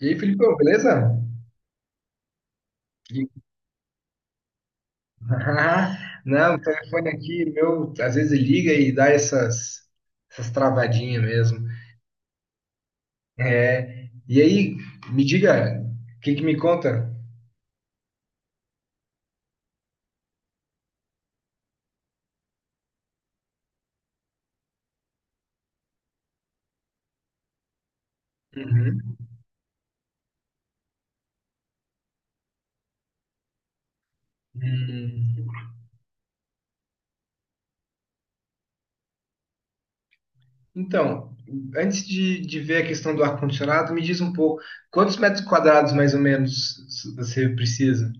E aí, Filipão, beleza? E- Não, o telefone aqui, meu, às vezes liga e dá essas travadinhas mesmo. É, e aí, me diga, o que que me conta? Uhum. Hum, Então, antes de ver a questão do ar-condicionado, me diz um pouco, quantos metros quadrados, mais ou menos, você precisa?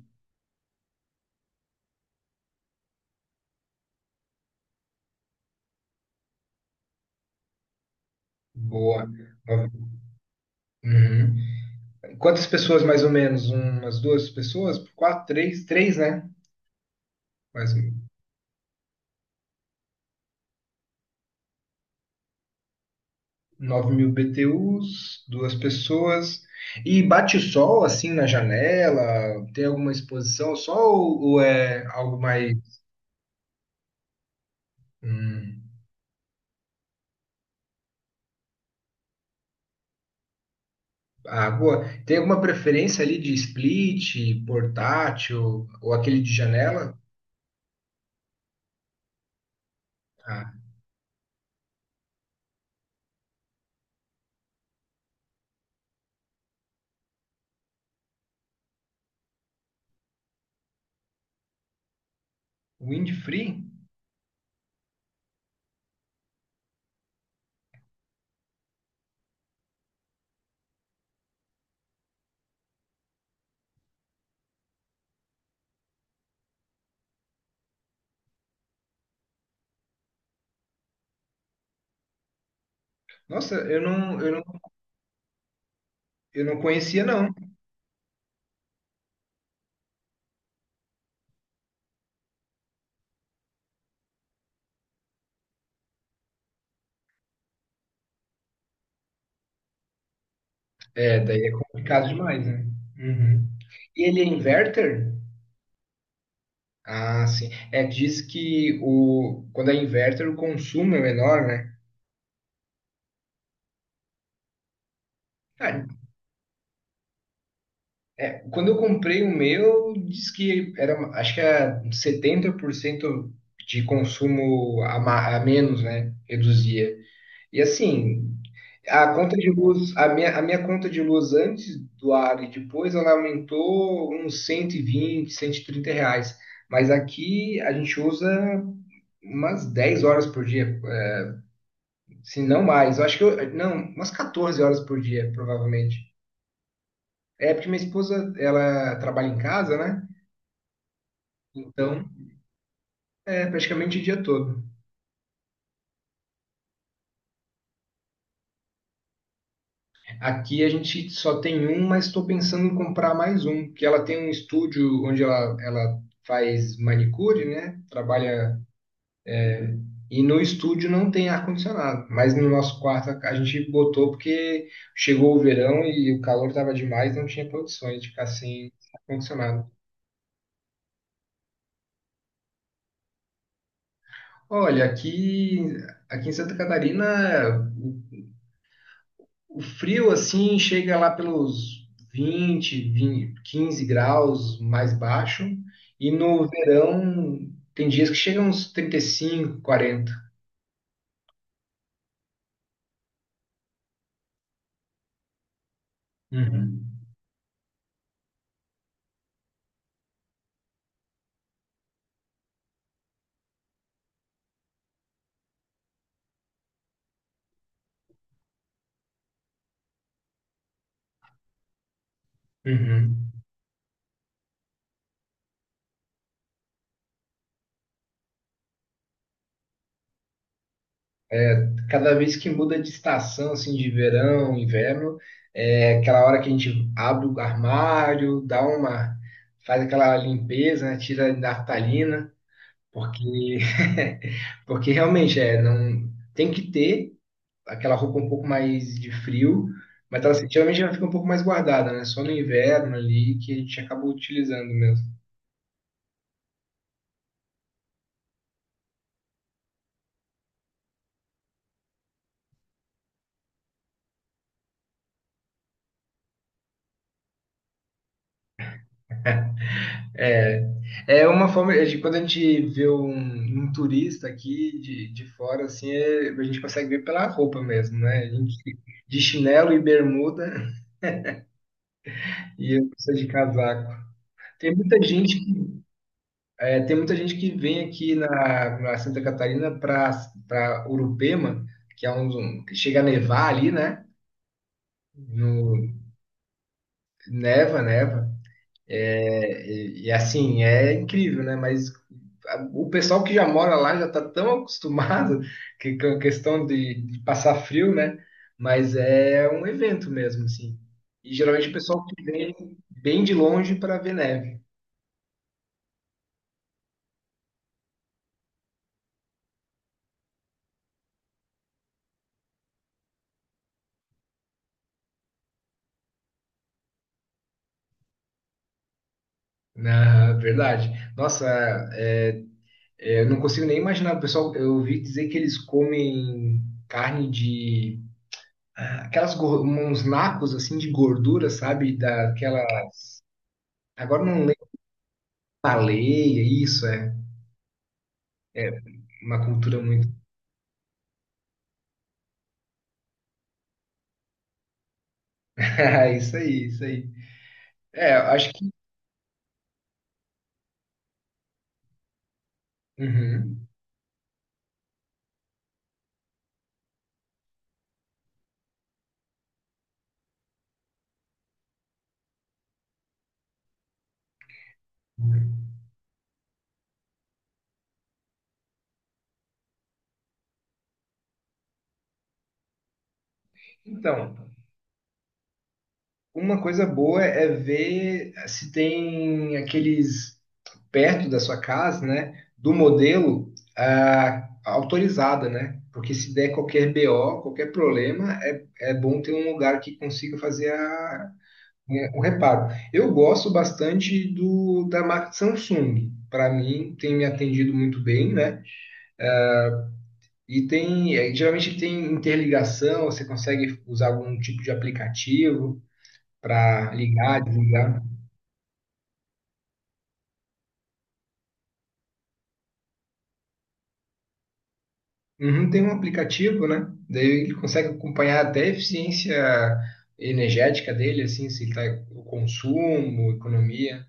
Boa. Uhum. Quantas pessoas, mais ou menos? Umas duas pessoas? Quatro, três? Três, né? Mais ou 9 mil BTUs, duas pessoas. E bate sol assim na janela? Tem alguma exposição ao sol ou é algo mais hum, água? Tem alguma preferência ali de split, portátil ou aquele de janela? Ah, wind-free? Nossa, eu não conhecia não. É, daí é complicado demais, né? Uhum. E ele é inverter? Ah, sim. É, diz que quando é inverter o consumo é menor, né? Cara, é, quando eu comprei o meu, diz que era, acho que era 70% de consumo a menos, né? Reduzia. E assim, a conta de luz, a minha conta de luz antes do ar e depois, ela aumentou uns 120, R$ 130. Mas aqui a gente usa umas 10 horas por dia, se não mais. Eu acho que eu, não, umas 14 horas por dia, provavelmente. É porque minha esposa, ela trabalha em casa, né? Então, é praticamente o dia todo. Aqui a gente só tem um, mas estou pensando em comprar mais um, que ela tem um estúdio onde ela faz manicure, né? Trabalha. E no estúdio não tem ar-condicionado, mas no nosso quarto a gente botou porque chegou o verão e o calor estava demais, não tinha condições de ficar sem ar-condicionado. Olha, aqui em Santa Catarina. O frio, assim, chega lá pelos 20, 20, 15 graus mais baixo. E no verão, tem dias que chega uns 35, 40. Uhum. Uhum. Cada vez que muda de estação, assim, de verão, inverno, é aquela hora que a gente abre o armário, dá uma, faz aquela limpeza, né, tira a naftalina, porque, porque realmente é, não tem que ter aquela roupa um pouco mais de frio, mas ela geralmente ela fica um pouco mais guardada, né? Só no inverno ali que a gente acaba utilizando mesmo. É, é uma forma de quando a gente vê um turista aqui de fora, assim, a gente consegue ver pela roupa mesmo, né? A gente de chinelo e bermuda e eu preciso de casaco. Tem muita gente, tem muita gente que vem aqui na Santa Catarina para Urupema, que é chega a nevar ali, né? No, Neva, neva. É, e assim, é incrível, né? Mas o pessoal que já mora lá já está tão acostumado que, com a questão de passar frio, né? Mas é um evento mesmo, assim. E geralmente o pessoal que vem bem de longe para ver neve. Na verdade. Nossa, é, é, eu não consigo nem imaginar. O pessoal, eu ouvi dizer que eles comem carne de. Aquelas, uns nacos assim de gordura, sabe? Daquela. Agora não, Baleia, isso é uma cultura muito. Isso aí, isso aí. É, eu acho que. Uhum. Uhum. Então, uma coisa boa é ver se tem aqueles perto da sua casa, né, do modelo autorizada, né? Porque se der qualquer BO, qualquer problema, é bom ter um lugar que consiga fazer a, né, o reparo. Eu gosto bastante do da marca Samsung. Para mim, tem me atendido muito bem, né? E tem, é, geralmente tem interligação, você consegue usar algum tipo de aplicativo para ligar, desligar. Uhum, tem um aplicativo, né? Daí ele consegue acompanhar até a eficiência energética dele, assim, se tá o consumo, economia,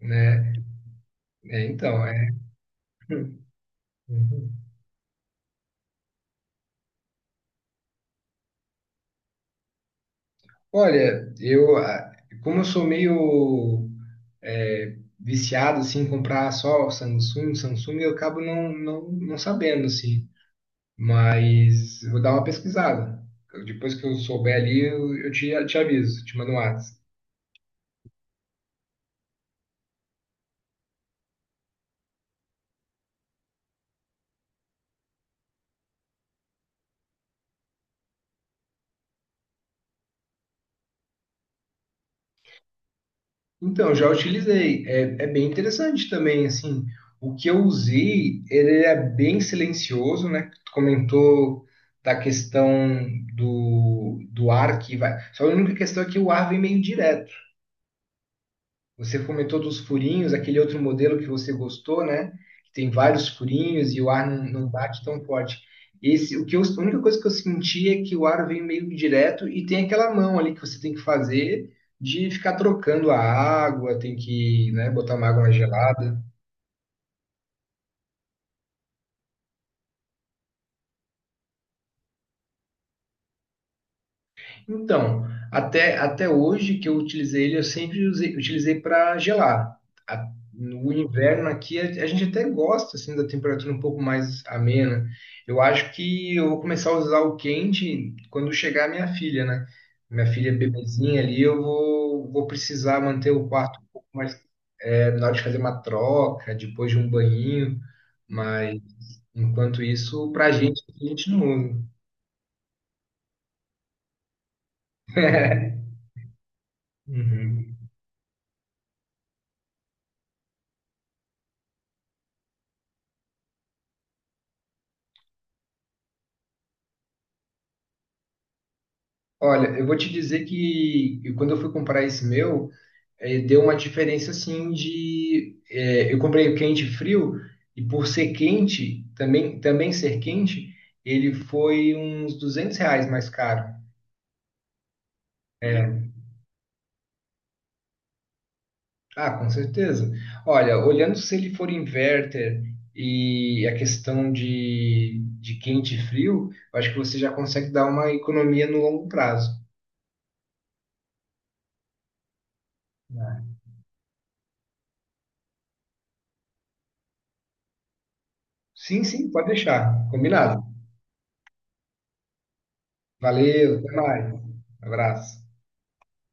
né? É, então, é. Uhum. Olha, como eu sou meio viciado, assim, em comprar só Samsung, Samsung, eu acabo não, não, não sabendo, assim. Mas vou dar uma pesquisada. Depois que eu souber ali, eu te aviso, te mando um WhatsApp. Então, eu já utilizei. É bem interessante também, assim. O que eu usei, ele é bem silencioso, né? Tu comentou da questão do ar que vai. Só a única questão é que o ar vem meio direto. Você comentou dos furinhos, aquele outro modelo que você gostou, né? Que tem vários furinhos e o ar não bate tão forte. Esse, a única coisa que eu senti é que o ar vem meio direto e tem aquela mão ali que você tem que fazer de ficar trocando a água, tem que, né, botar uma água mais gelada. Então, até hoje que eu utilizei ele, eu sempre utilizei para gelar. No inverno aqui, a gente até gosta assim, da temperatura um pouco mais amena. Eu acho que eu vou começar a usar o quente quando chegar minha filha, né? Minha filha é bebezinha ali, eu vou precisar manter o quarto um pouco mais, na hora de fazer uma troca, depois de um banhinho. Mas, enquanto isso, para a gente não usa. Uhum. Olha, eu vou te dizer que quando eu fui comprar esse meu, deu uma diferença assim de. Eu comprei o quente e frio, e por ser quente, também ser quente, ele foi uns R$ 200 mais caro. É. Ah, com certeza. Olha, olhando se ele for inverter e a questão de quente e frio, eu acho que você já consegue dar uma economia no longo prazo, né? Sim, sim, pode deixar. Combinado. Valeu, até mais. Abraço.